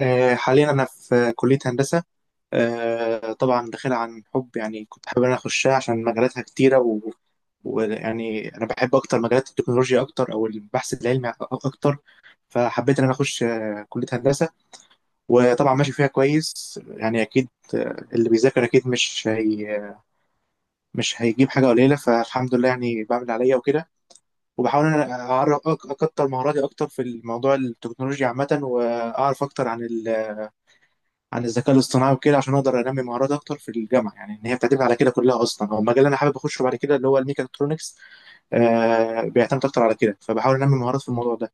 حاليا أنا في كلية هندسة. طبعا داخلها عن حب، يعني كنت حابب إن أنا أخشها عشان مجالاتها كتيرة ويعني أنا بحب أكتر مجالات التكنولوجيا أكتر، أو البحث العلمي أكتر. فحبيت إن أنا أخش كلية هندسة. وطبعا ماشي فيها كويس، يعني أكيد. اللي بيذاكر أكيد مش هيجيب حاجة قليلة، فالحمد لله، يعني بعمل اللي عليا وكده. وبحاول إن أنا أعرف أكتر مهاراتي أكتر في الموضوع، التكنولوجيا عامة، وأعرف أكتر عن الذكاء الاصطناعي وكده، عشان اقدر انمي مهارات اكتر في الجامعه، يعني ان هي بتعتمد على كده كلها اصلا. هو المجال اللي انا حابب اخشه بعد كده اللي هو الميكاترونكس. بيعتمد اكتر على كده، فبحاول انمي مهارات في الموضوع ده.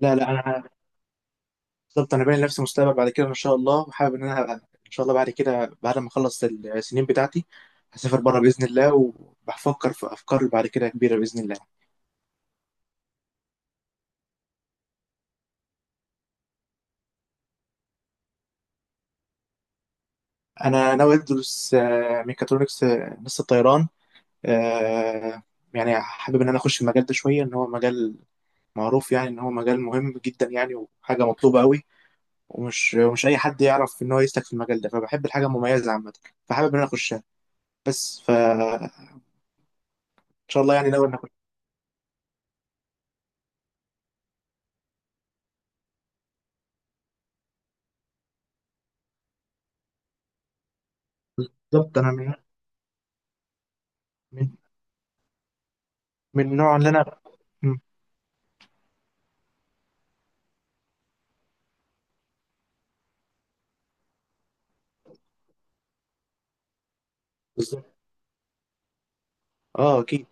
لا، لا، انا بالظبط. انا باين لنفسي مستقبل بعد كده ان شاء الله، وحابب ان انا ان شاء الله بعد كده، بعد ما اخلص السنين بتاعتي، هسافر بره باذن الله، وبفكر في افكار بعد كده كبيره باذن الله. انا ناوي ادرس ميكاترونكس، هندسه طيران. آه، يعني حابب ان انا اخش المجال ده شويه، ان هو مجال معروف، يعني ان هو مجال مهم جدا، يعني وحاجه مطلوبه قوي. ومش مش اي حد يعرف ان هو يسلك في المجال ده، فبحب الحاجه المميزه عامه. فحابب ان انا اخشها، بس فان شاء الله، يعني ناوي ان اخش. بالظبط، انا من من النوع اللي انا. مم. بالظبط. اه، اكيد.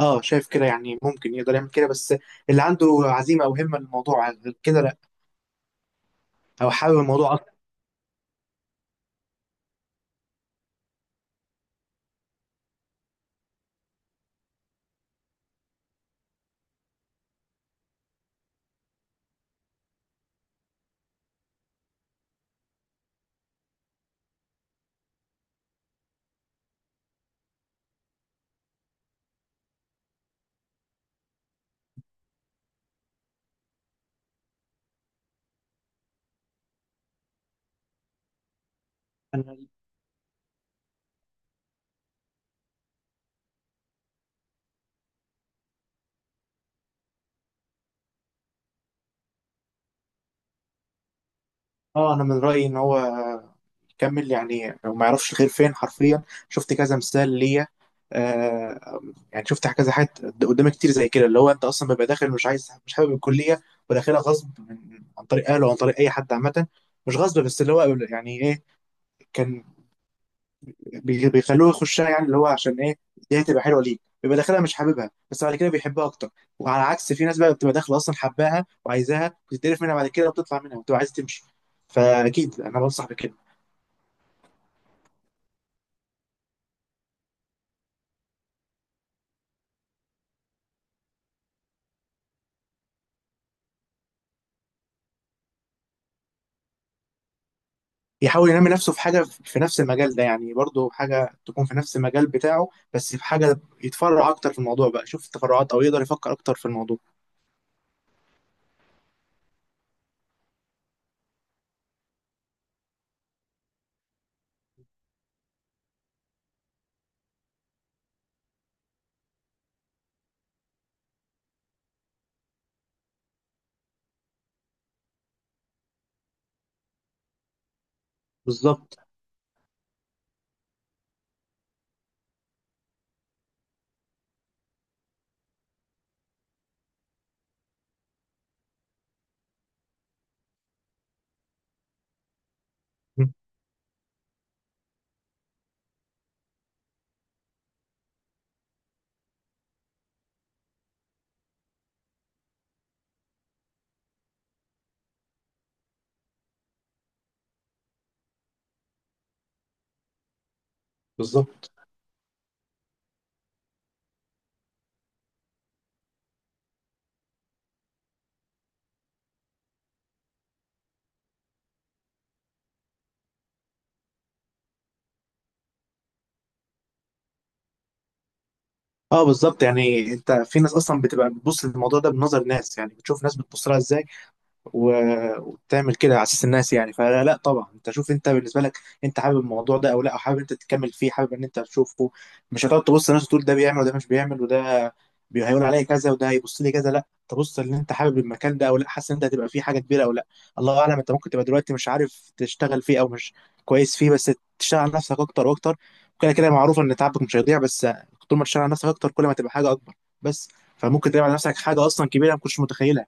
اه، شايف كده، يعني ممكن يقدر يعمل كده، بس اللي عنده عزيمه او همه للموضوع غير كده، لا. او حابب الموضوع اكتر. اه، انا من رايي ان هو يكمل، يعني لو ما يعرفش الخير فين حرفيا. شفت كذا مثال ليا. آه يعني شفت كذا حاجات قدامي كتير زي كده، اللي هو انت اصلا بيبقى داخل مش عايز، مش حابب الكليه، وداخلها غصب، عن طريق اهله وعن طريق اي حد عامه. مش غصب بس، اللي هو يعني ايه، كان بيخلوه يخشها، يعني اللي هو عشان ايه؟ دي هتبقى حلوه ليك. بيبقى داخلها مش حاببها، بس بعد كده بيحبها اكتر. وعلى عكس، في ناس بقى بتبقى داخله اصلا حباها وعايزاها، بتتقرف منها بعد كده، وبتطلع منها، وبتبقى عايز تمشي. فاكيد انا بنصح بكده. يحاول ينمي نفسه في حاجة في نفس المجال ده، يعني برضه حاجة تكون في نفس المجال بتاعه، بس في حاجة يتفرع أكتر في الموضوع بقى، يشوف التفرعات، أو يقدر يفكر أكتر في الموضوع. بالظبط. مم. بالظبط. اه بالظبط، يعني انت في ناس اصلا بتبقى بتبص للموضوع ده بنظر ناس، يعني بتشوف ناس بتبص لها ازاي، وتعمل كده على اساس الناس، يعني فلا، لا، طبعا انت شوف انت بالنسبه لك، انت حابب الموضوع ده او لا، او حابب انت تكمل فيه، حابب ان انت تشوفه. مش هتقعد تبص للناس وتقول ده بيعمل وده مش بيعمل، وده هيقول عليا كذا، وده هيبص لي كذا. لا، تبص ان انت حابب المكان ده او لا، حاسس ان انت هتبقى فيه حاجه كبيره او لا. الله اعلم، انت ممكن تبقى دلوقتي مش عارف تشتغل فيه، او مش كويس فيه، بس تشتغل على نفسك اكتر واكتر، وكده كده معروف ان تعبك مش هيضيع. بس طول ما تشتغل على نفسك اكتر، كل ما تبقى حاجه اكبر. بس فممكن تعمل على نفسك حاجه اصلا كبيره ما كنتش متخيلها.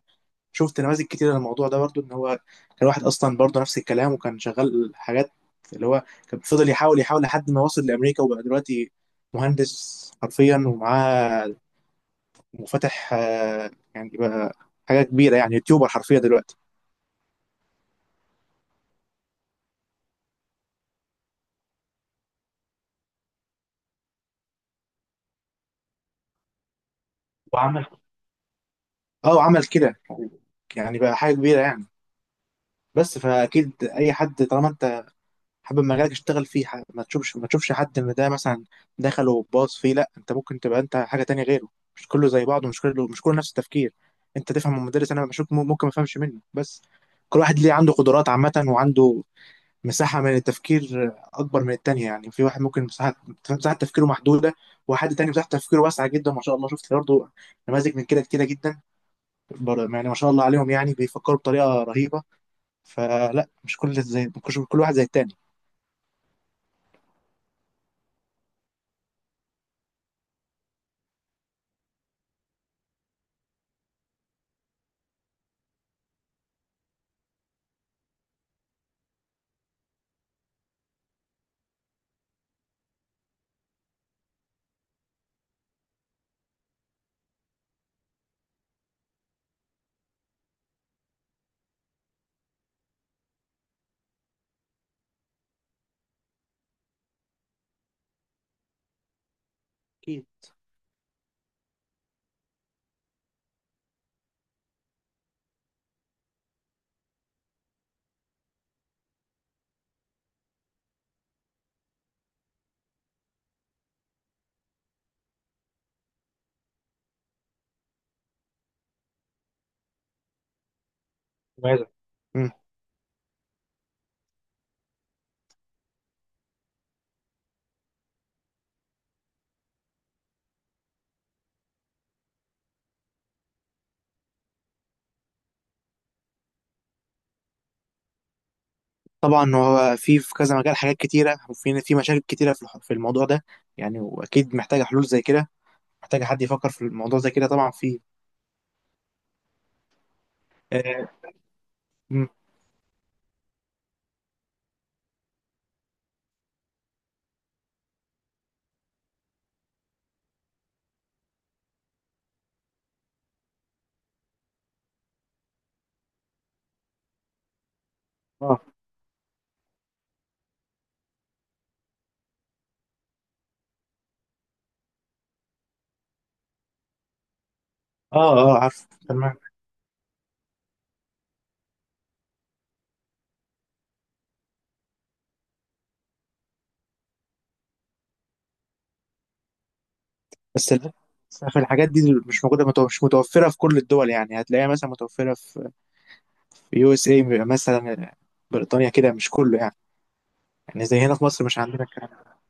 شفت نماذج كتير للموضوع ده برضو، ان هو كان واحد اصلا برضو نفس الكلام، وكان شغال حاجات، اللي هو كان فضل يحاول يحاول لحد ما وصل لامريكا، وبقى دلوقتي مهندس حرفيا، ومعاه وفاتح، يعني بقى حاجه كبيره، يعني يوتيوبر حرفيا دلوقتي. وعمل. اه وعمل كده، يعني بقى حاجه كبيره يعني. بس فاكيد اي حد طالما انت حابب مجالك، اشتغل فيه، ما تشوفش حد ان ده مثلا دخل وباص فيه. لا، انت ممكن تبقى انت حاجه تانية غيره. مش كله زي بعضه، مش كله نفس التفكير. انت تفهم من المدرس، انا بشوف ممكن ما افهمش منه. بس كل واحد ليه عنده قدرات عامه، وعنده مساحه من التفكير اكبر من التانية، يعني في واحد ممكن مساحه تفكيره محدوده، وحد تاني مساحه تفكيره واسعه جدا ما شاء الله. شفت برضه نماذج من كده كتيره جدا. يعني ما شاء الله عليهم، يعني بيفكروا بطريقه رهيبه. فلا، مش كل واحد زي التاني. أكيد. ماذا. مم. طبعا، هو في كذا مجال، حاجات كتيرة، وفي في مشاكل كتيرة في في الموضوع ده، يعني. وأكيد محتاجة حلول زي كده، محتاجة حد يفكر في الموضوع زي كده. طبعا في. آه مم. آه، آه، آه، عارف تمام. بس ال- بس في الحاجات دي مش موجودة، مش متوفرة في كل الدول، يعني هتلاقيها مثلا متوفرة في في USA مثلا، بريطانيا كده، مش كله يعني. يعني زي هنا في مصر مش عندنا الكلام ده.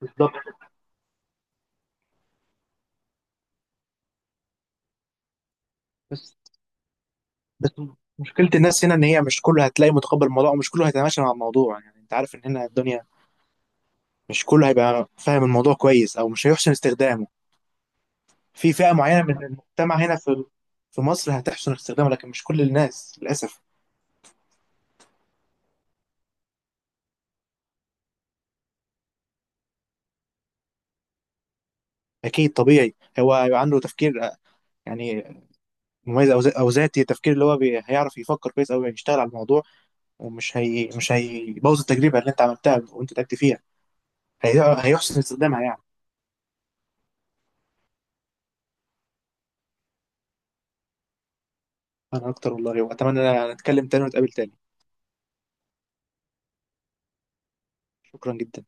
بالظبط. بس بس مشكلة الناس هنا إن هي مش كله هتلاقي متقبل الموضوع، ومش كله هيتماشى مع الموضوع، يعني أنت عارف إن هنا الدنيا مش كله هيبقى فاهم الموضوع كويس، او مش هيحسن استخدامه. في فئة معينة من المجتمع هنا في في مصر هتحسن استخدامه، لكن مش كل الناس للاسف. اكيد طبيعي هو هيبقى عنده تفكير، يعني مميز، او أو ذاتي التفكير، اللي هو هيعرف يفكر كويس او يشتغل على الموضوع، ومش هي مش هيبوظ التجربة اللي انت عملتها وانت تعبت فيها. هيحسن استخدامها يعني. انا اكتر والله، واتمنى نتكلم تاني ونتقابل تاني. شكرا جدا.